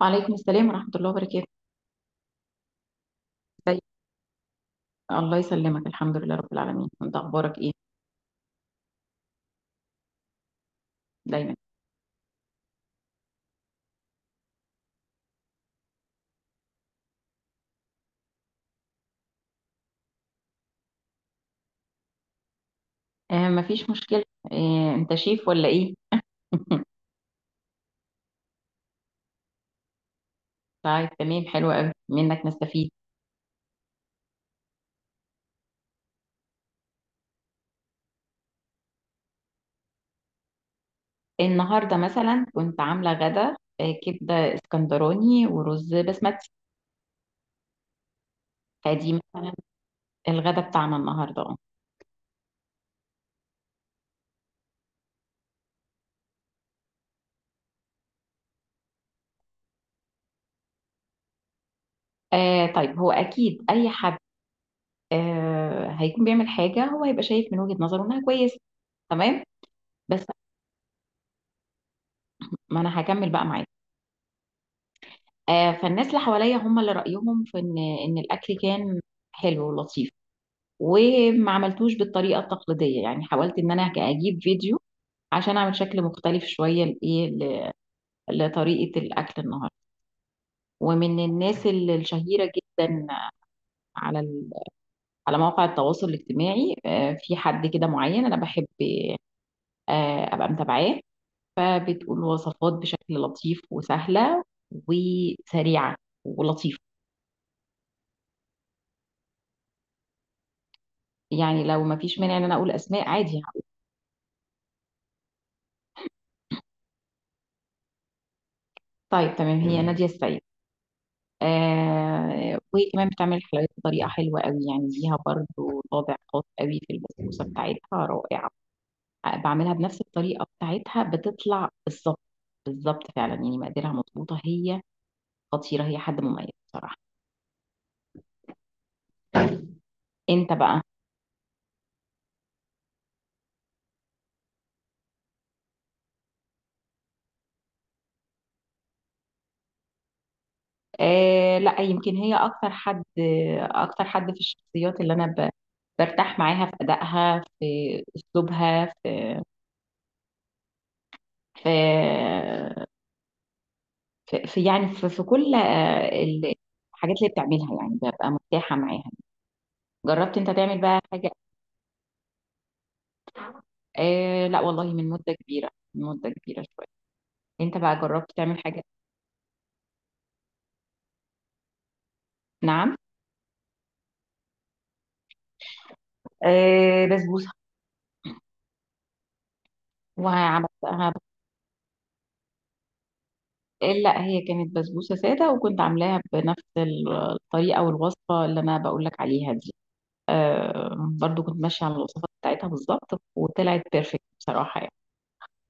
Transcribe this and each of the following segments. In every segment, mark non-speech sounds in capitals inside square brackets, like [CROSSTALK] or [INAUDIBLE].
وعليكم السلام ورحمة الله وبركاته. ازيك؟ الله يسلمك. الحمد لله رب العالمين. انت اخبارك ايه؟ دايما. مفيش مشكلة. انت شيف ولا ايه؟ [LAUGHS] طيب تمام، حلو قوي منك نستفيد. النهاردة مثلا كنت عاملة غدا كبدة اسكندراني ورز بسمتي. فدي مثلا الغدا بتاعنا النهاردة طيب هو اكيد اي حد هيكون بيعمل حاجة، هو هيبقى شايف من وجهة نظره انها كويسة. تمام. بس ما انا هكمل بقى معاك. فالناس اللي حواليا هم اللي رأيهم في ان الاكل كان حلو ولطيف، وما عملتوش بالطريقة التقليدية. يعني حاولت ان انا اجيب فيديو عشان اعمل شكل مختلف شوية لايه، لطريقة الاكل النهاردة. ومن الناس الشهيرة جدا على مواقع التواصل الاجتماعي، في حد كده معين انا بحب ابقى متابعاه. فبتقول وصفات بشكل لطيف، وسهلة وسريعة ولطيفة. يعني لو ما فيش مانع ان انا اقول اسماء عادي، طيب تمام، هي نادية السيد. وهي كمان بتعمل الحلويات بطريقة حلوة قوي، يعني ليها برضو طابع خاص قوي. في البسبوسة بتاعتها رائعة. بعملها بنفس الطريقة بتاعتها بتطلع بالظبط بالظبط فعلا، يعني مقاديرها مظبوطة. هي خطيرة، هي حد مميز بصراحة. انت بقى؟ لا، يمكن هي اكتر حد، اكتر حد في الشخصيات اللي انا برتاح معاها في ادائها، في اسلوبها، في في في يعني في كل الحاجات اللي بتعملها، يعني ببقى مرتاحة معاها. جربت انت تعمل بقى حاجة؟ لا والله، من مدة كبيرة، من مدة كبيرة شوية. انت بقى جربت تعمل حاجة؟ نعم. بسبوسة. وعملتها لا، هي كانت بسبوسة سادة، وكنت عاملاها بنفس الطريقة والوصفة اللي انا بقول لك عليها دي. برضو كنت ماشية على الوصفة بتاعتها بالظبط، وطلعت بيرفكت بصراحة يعني.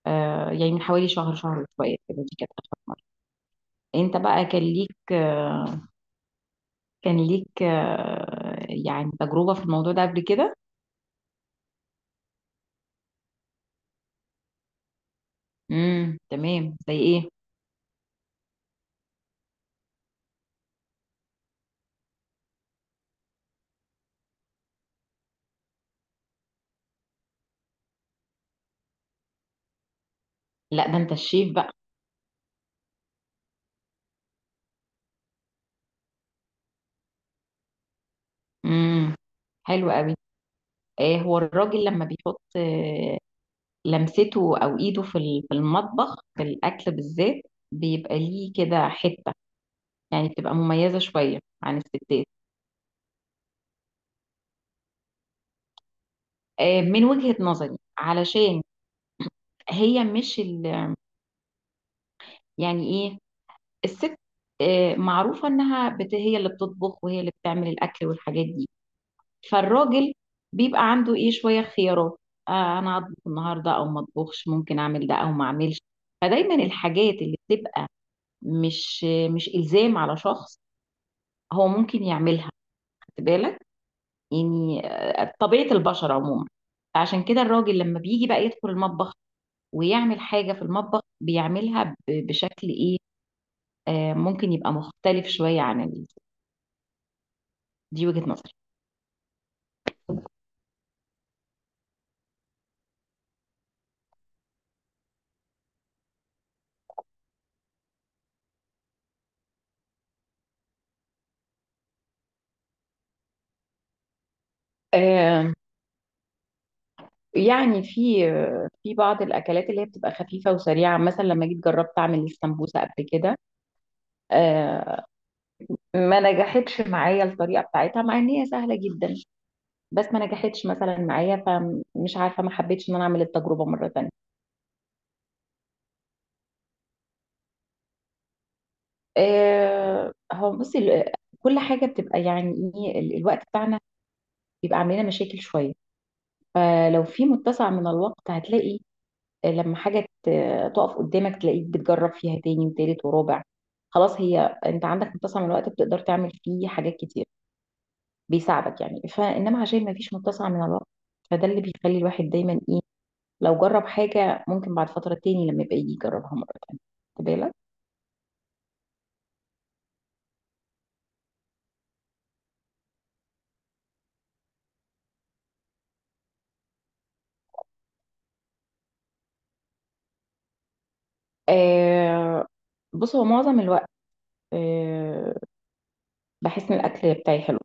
يعني من حوالي شهر، شهر شوية كده، دي كانت آخر مرة. انت بقى كان ليك يعني تجربة في الموضوع ده قبل كده؟ تمام. زي ايه؟ لا ده انت الشيف بقى. امم حلو قوي. ايه هو الراجل لما بيحط لمسته او ايده في المطبخ في الاكل بالذات، بيبقى ليه كده حتة، يعني بتبقى مميزة شوية عن الستات. من وجهة نظري، علشان هي مش ال... يعني ايه، الست معروفة انها هي اللي بتطبخ وهي اللي بتعمل الاكل والحاجات دي. فالراجل بيبقى عنده ايه، شوية خيارات. انا هطبخ النهاردة او ما اطبخش، ممكن اعمل ده او ما اعملش. فدايما الحاجات اللي بتبقى مش مش الزام على شخص، هو ممكن يعملها. خد بالك. يعني طبيعة البشر عموما. فعشان كده الراجل لما بيجي بقى يدخل المطبخ ويعمل حاجة في المطبخ، بيعملها بشكل ايه، ممكن يبقى مختلف شوية دي وجهة نظري. آه، يعني في في بعض الاكلات اللي هي بتبقى خفيفه وسريعه. مثلا لما جيت جربت اعمل السمبوسه قبل كده، آه، ما نجحتش معايا الطريقه بتاعتها مع ان هي سهله جدا. بس ما نجحتش مثلا معايا، فمش عارفه، ما حبيتش ان انا اعمل التجربه مره تانية. هو بصي، كل حاجه بتبقى يعني ايه، الوقت بتاعنا بيبقى عاملنا مشاكل شويه. فلو في متسع من الوقت، هتلاقي لما حاجة تقف قدامك تلاقيك بتجرب فيها تاني وتالت ورابع. خلاص، هي انت عندك متسع من الوقت، بتقدر تعمل فيه حاجات كتير، بيساعدك يعني. فانما عشان ما فيش متسع من الوقت، فده اللي بيخلي الواحد دايما ايه، لو جرب حاجة ممكن بعد فترة تاني لما يبقى يجي يجربها مرة تانية. خد بالك. آه بص، هو معظم الوقت آه بحس ان الاكل بتاعي حلو.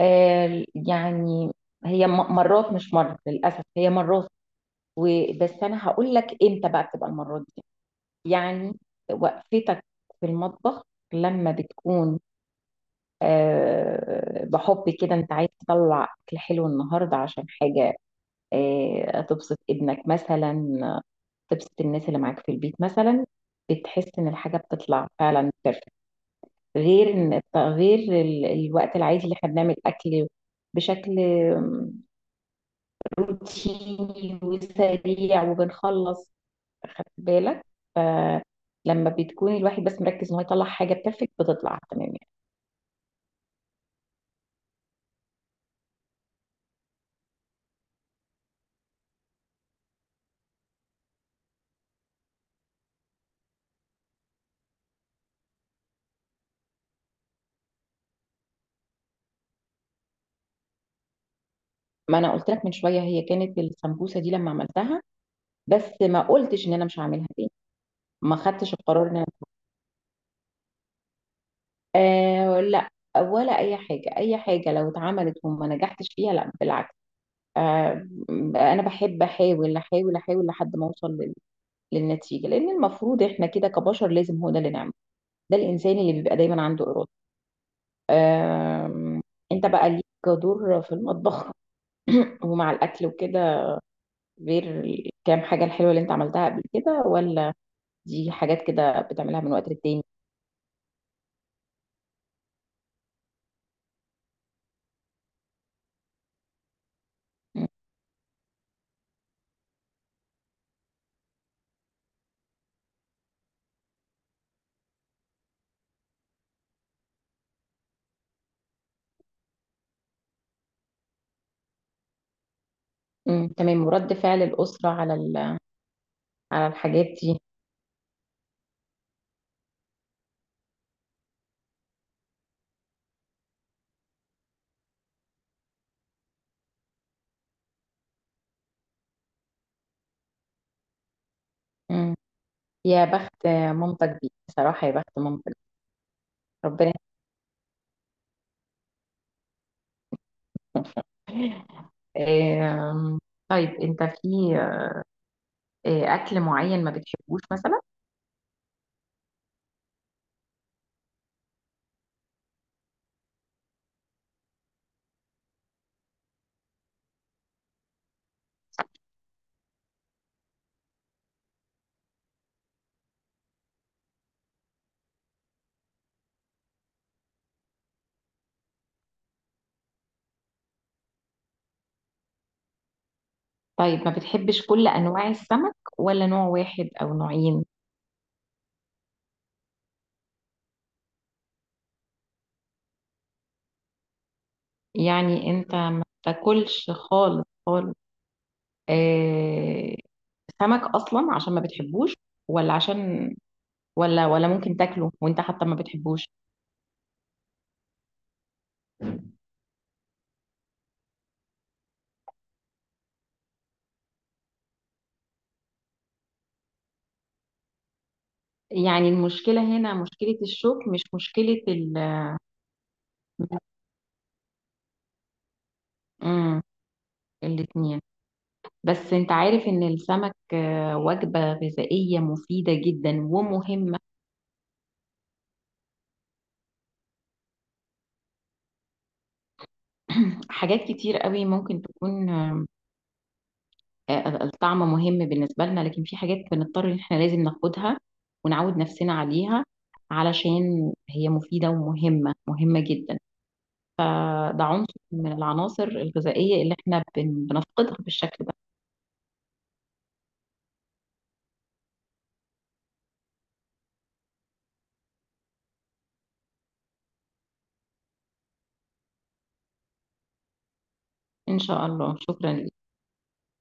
يعني هي مرات، مش مرة للاسف، هي مرات. وبس انا هقول لك امتى بقى بتبقى المرات دي، يعني وقفتك في المطبخ لما بتكون بحب كده، انت عايز تطلع اكل حلو النهارده عشان حاجه، تبسط ابنك مثلا، آه، تبسط الناس اللي معاك في البيت مثلا. بتحس ان الحاجه بتطلع فعلا بيرفكت، غير ان غير ال- الوقت العادي اللي احنا بنعمل اكل بشكل روتيني وسريع وبنخلص. خدت بالك؟ فلما بتكون الواحد بس مركز ان هو يطلع حاجه بيرفكت، بتطلع تمام يعني. ما انا قلت لك من شويه، هي كانت السمبوسه دي لما عملتها. بس ما قلتش ان انا مش هعملها تاني، ما خدتش القرار ان انا. لا، ولا اي حاجه، اي حاجه لو اتعملت وما نجحتش فيها لا بالعكس. آه انا بحب احاول احاول احاول لحد ما اوصل للنتيجه، لان المفروض احنا كده كبشر لازم هو ده اللي نعمله. ده الانسان اللي بيبقى دايما عنده اراده. آه انت بقى ليك دور في المطبخ ومع الأكل وكده؟ غير الكام حاجة الحلوة اللي أنت عملتها قبل كده، ولا دي حاجات كده بتعملها من وقت للتاني؟ مم. مم. تمام. ورد فعل الأسرة على الحاجات دي؟ مم. يا بخت مامتك دي، بصراحة يا بخت مامتك. ربنا. آم، طيب أنت في أكل معين ما بتحبوش مثلا؟ طيب ما بتحبش كل أنواع السمك ولا نوع واحد أو نوعين؟ يعني أنت ما تاكلش خالص خالص، آه، سمك اصلا عشان ما بتحبوش؟ ولا عشان، ولا ممكن تاكله وانت حتى ما بتحبوش؟ يعني المشكله هنا مشكله الشوك مش مشكله ال. امم الاثنين. بس انت عارف ان السمك وجبه غذائيه مفيده جدا ومهمه. [CLEARS THROAT] حاجات كتير قوي ممكن تكون الطعم مهم بالنسبة لنا، لكن في حاجات بنضطر ان احنا لازم ناخدها ونعود نفسنا عليها علشان هي مفيدة ومهمة، مهمة جدا. فده عنصر من العناصر الغذائية اللي احنا بنفقدها بالشكل ده. إن شاء الله، شكرا.